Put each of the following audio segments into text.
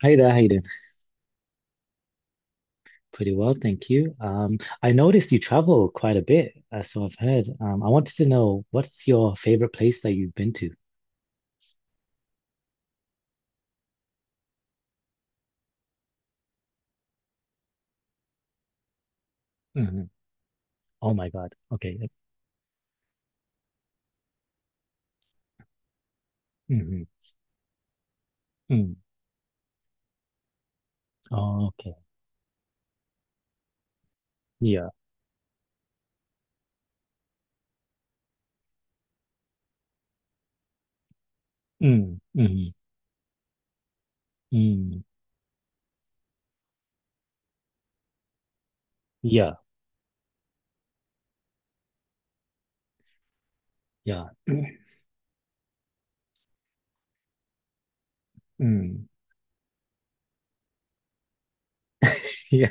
Hey there, Hayden. Pretty well, thank you. I noticed you travel quite a bit, so I've heard. I wanted to know what's your favorite place that you've been to? Hmm. Oh my God. Okay. Yep. Mm-hmm. Mm. Oh, okay. Yeah. Mm. Hmm. Mm. Yeah. Yeah. Mm. Yeah.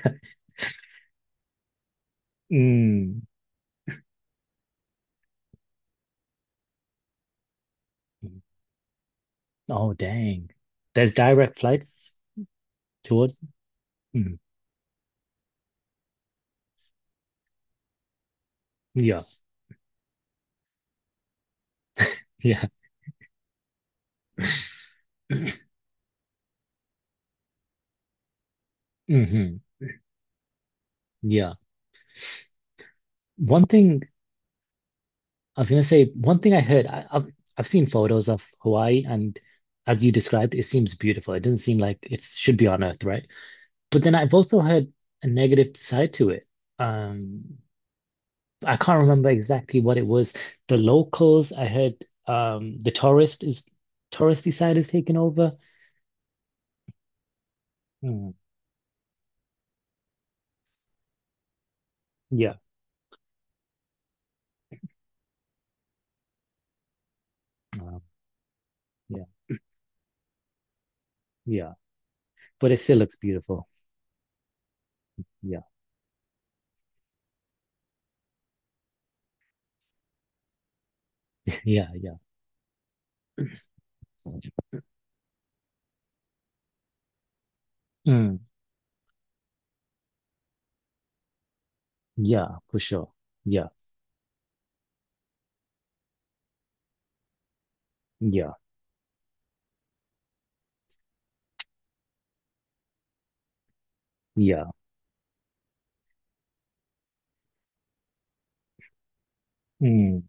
Mm. Mm. Oh, dang. There's direct flights towards. Mm. Yeah. Yeah. Hmm. Yeah. One thing one thing I heard. I've I've seen photos of Hawaii, and as you described, it seems beautiful. It doesn't seem like it should be on Earth, right? But then I've also heard a negative side to it. Um, I can't remember exactly what it was. The locals, I heard, the touristy side is taken over. Mm, yeah, um, yeah, yeah. But it still looks beautiful. Yeah, yeah, yeah. Mm, yeah, for sure. Yeah, yeah, yeah. Mm,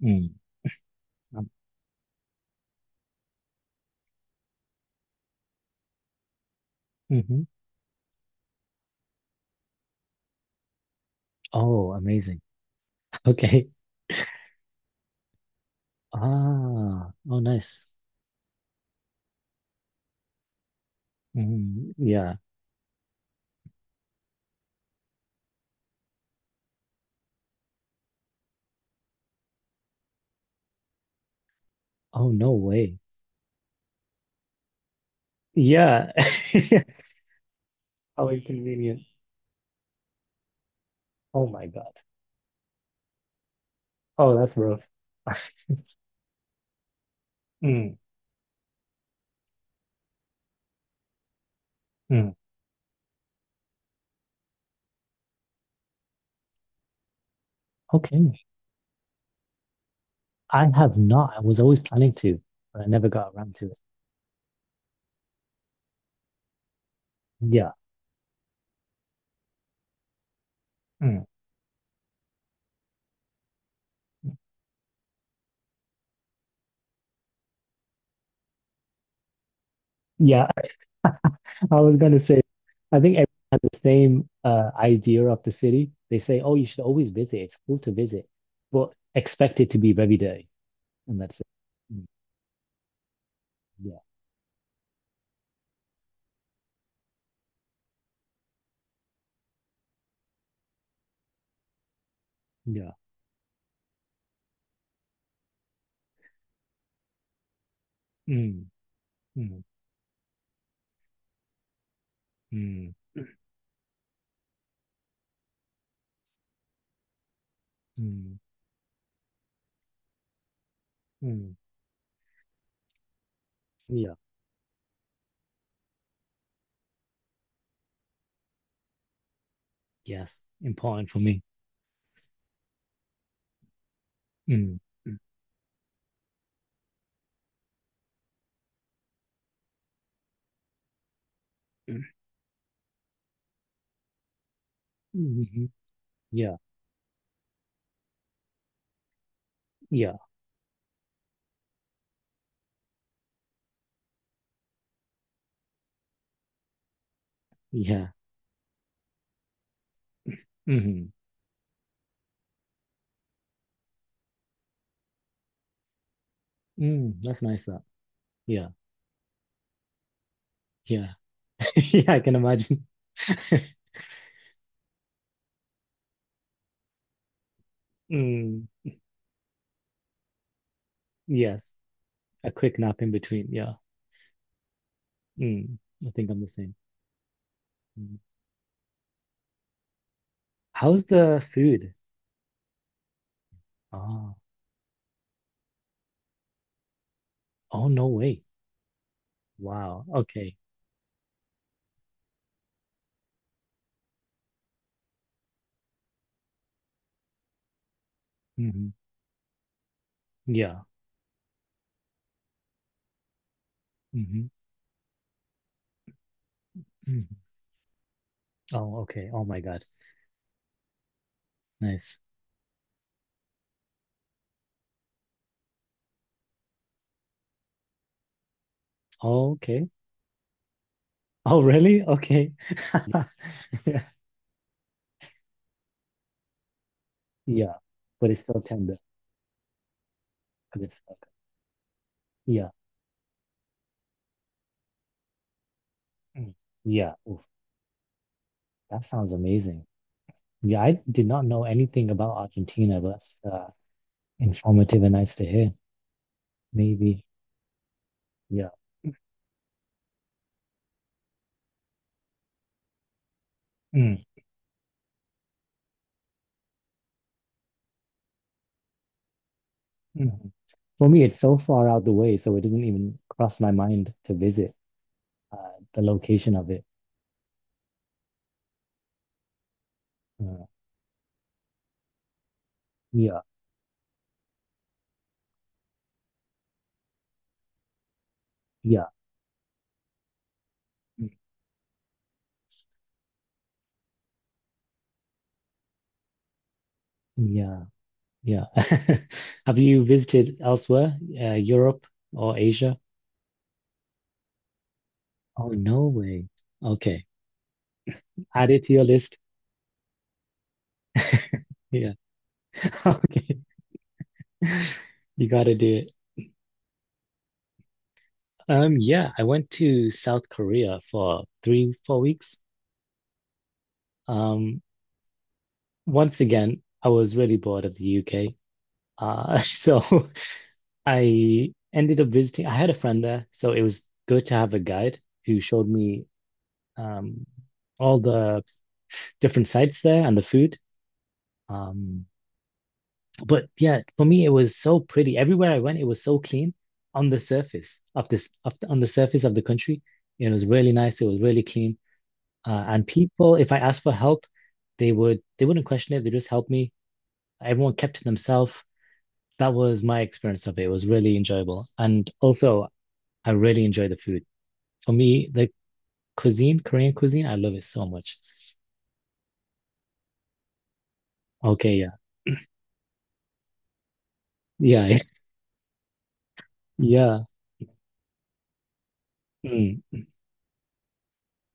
mm. Um, mhm. Oh, amazing. Okay. Ah, oh, nice. Mm, yeah. Oh, no way. Yeah. How inconvenient. Oh my God. Oh, that's rough. Mm, mm. Okay. I have not. I was always planning to, but I never got around to it. Yeah. Mm. Yeah. I was gonna say, I think everyone has the same idea of the city. They say, oh, you should always visit. It's cool to visit, but expect it to be very dirty. And that's it. Mm, yeah. Yeah. Mm. Mm, mm, mm, mm. Yeah, yes, important for me. Mm, mm, mm, hmm. Yeah, yeah, yeah. Mm-hmm. Mm, that's nice up. Yeah, yeah. Yeah, I can imagine. Mm, yes, a quick nap in between. Yeah. Mm, I think I'm the same. Mm. How's the food? Oh, oh, no way. Wow. Okay. Hmm. Yeah. Hmm. Hmm. Oh, okay. Oh my God. Nice. Okay. Oh, really? Okay. Yeah. Yeah. But it's still tender. But it's stuck. Yeah. Mm. Yeah. Oof, that sounds amazing. Yeah, I did not know anything about Argentina, but that's informative and nice to hear. Maybe. Yeah. Mm. Mm. For me, it's so far out the way, so it doesn't even cross my mind to visit uh, the location of it. Uh, yeah. Yeah. Mm. Yeah. Yeah. Have you visited elsewhere, Europe or Asia? Oh, no way. Okay. Add it to your list. Yeah. Okay. You gotta do it. Yeah, I went to South Korea for three, four weeks. Um, once again, I was really bored of the UK. So I ended up visiting, I had a friend there, so it was good to have a guide who showed me um all the different sites there and the food. Um, But yeah, for me, it was so pretty. Everywhere I went, it was so clean on the surface of the country. It was really nice. It was really clean. And people, if I asked for help, they wouldn't question it. They just helped me. Everyone kept to themselves. That was my experience of it. It was really enjoyable. And also, I really enjoy the food. For me, the cuisine, Korean cuisine, I love it so much. Okay, yeah. Yeah, yeah. Mm.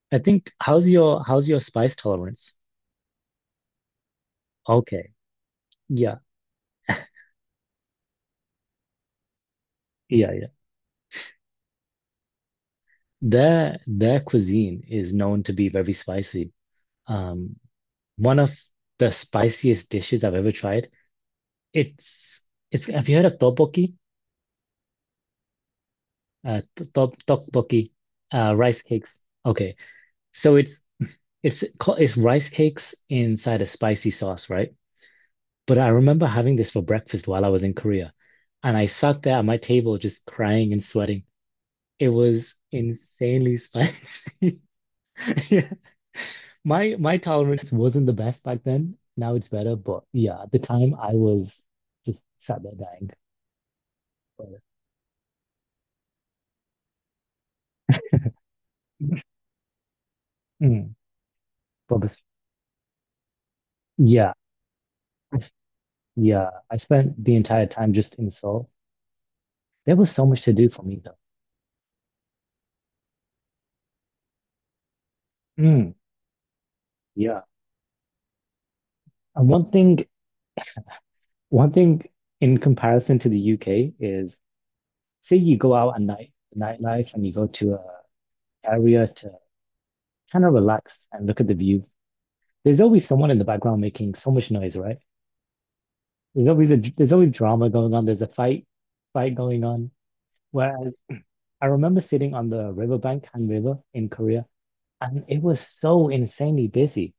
I think how's your spice tolerance? Okay. Yeah. Yeah, yeah. Their cuisine is known to be very spicy. Um, one of the spiciest dishes I've ever tried. It's it's have you heard of tteokbokki? T- top tteokbokki, rice cakes. Okay, so it's rice cakes inside a spicy sauce, right? But I remember having this for breakfast while I was in Korea, and I sat there at my table just crying and sweating. It was insanely spicy. Yeah. My tolerance wasn't the best back then. Now it's better, but yeah, at the time I was just sat there dying. But, mm, but bes- yeah, I s- Yeah, I spent the entire time just in Seoul. There was so much to do for me though. Mm, yeah. And one thing in comparison to the UK is say you go out at night, nightlife, and you go to a area to kind of relax and look at the view. There's always someone in the background making so much noise, right? There's always drama going on. There's a fight going on. Whereas I remember sitting on the riverbank, Han River in Korea, and it was so insanely busy.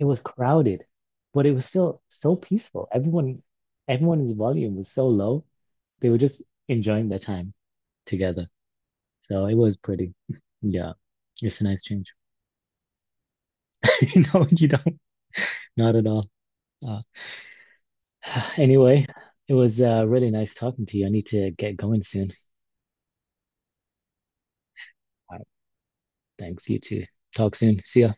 It was crowded, but it was still so peaceful. Everyone's volume was so low. They were just enjoying their time together. So it was pretty. Yeah, it's a nice change. No, you don't. Not at all. Uh, anyway, it was really nice talking to you. I need to get going soon. Thanks. You too. Talk soon. See ya.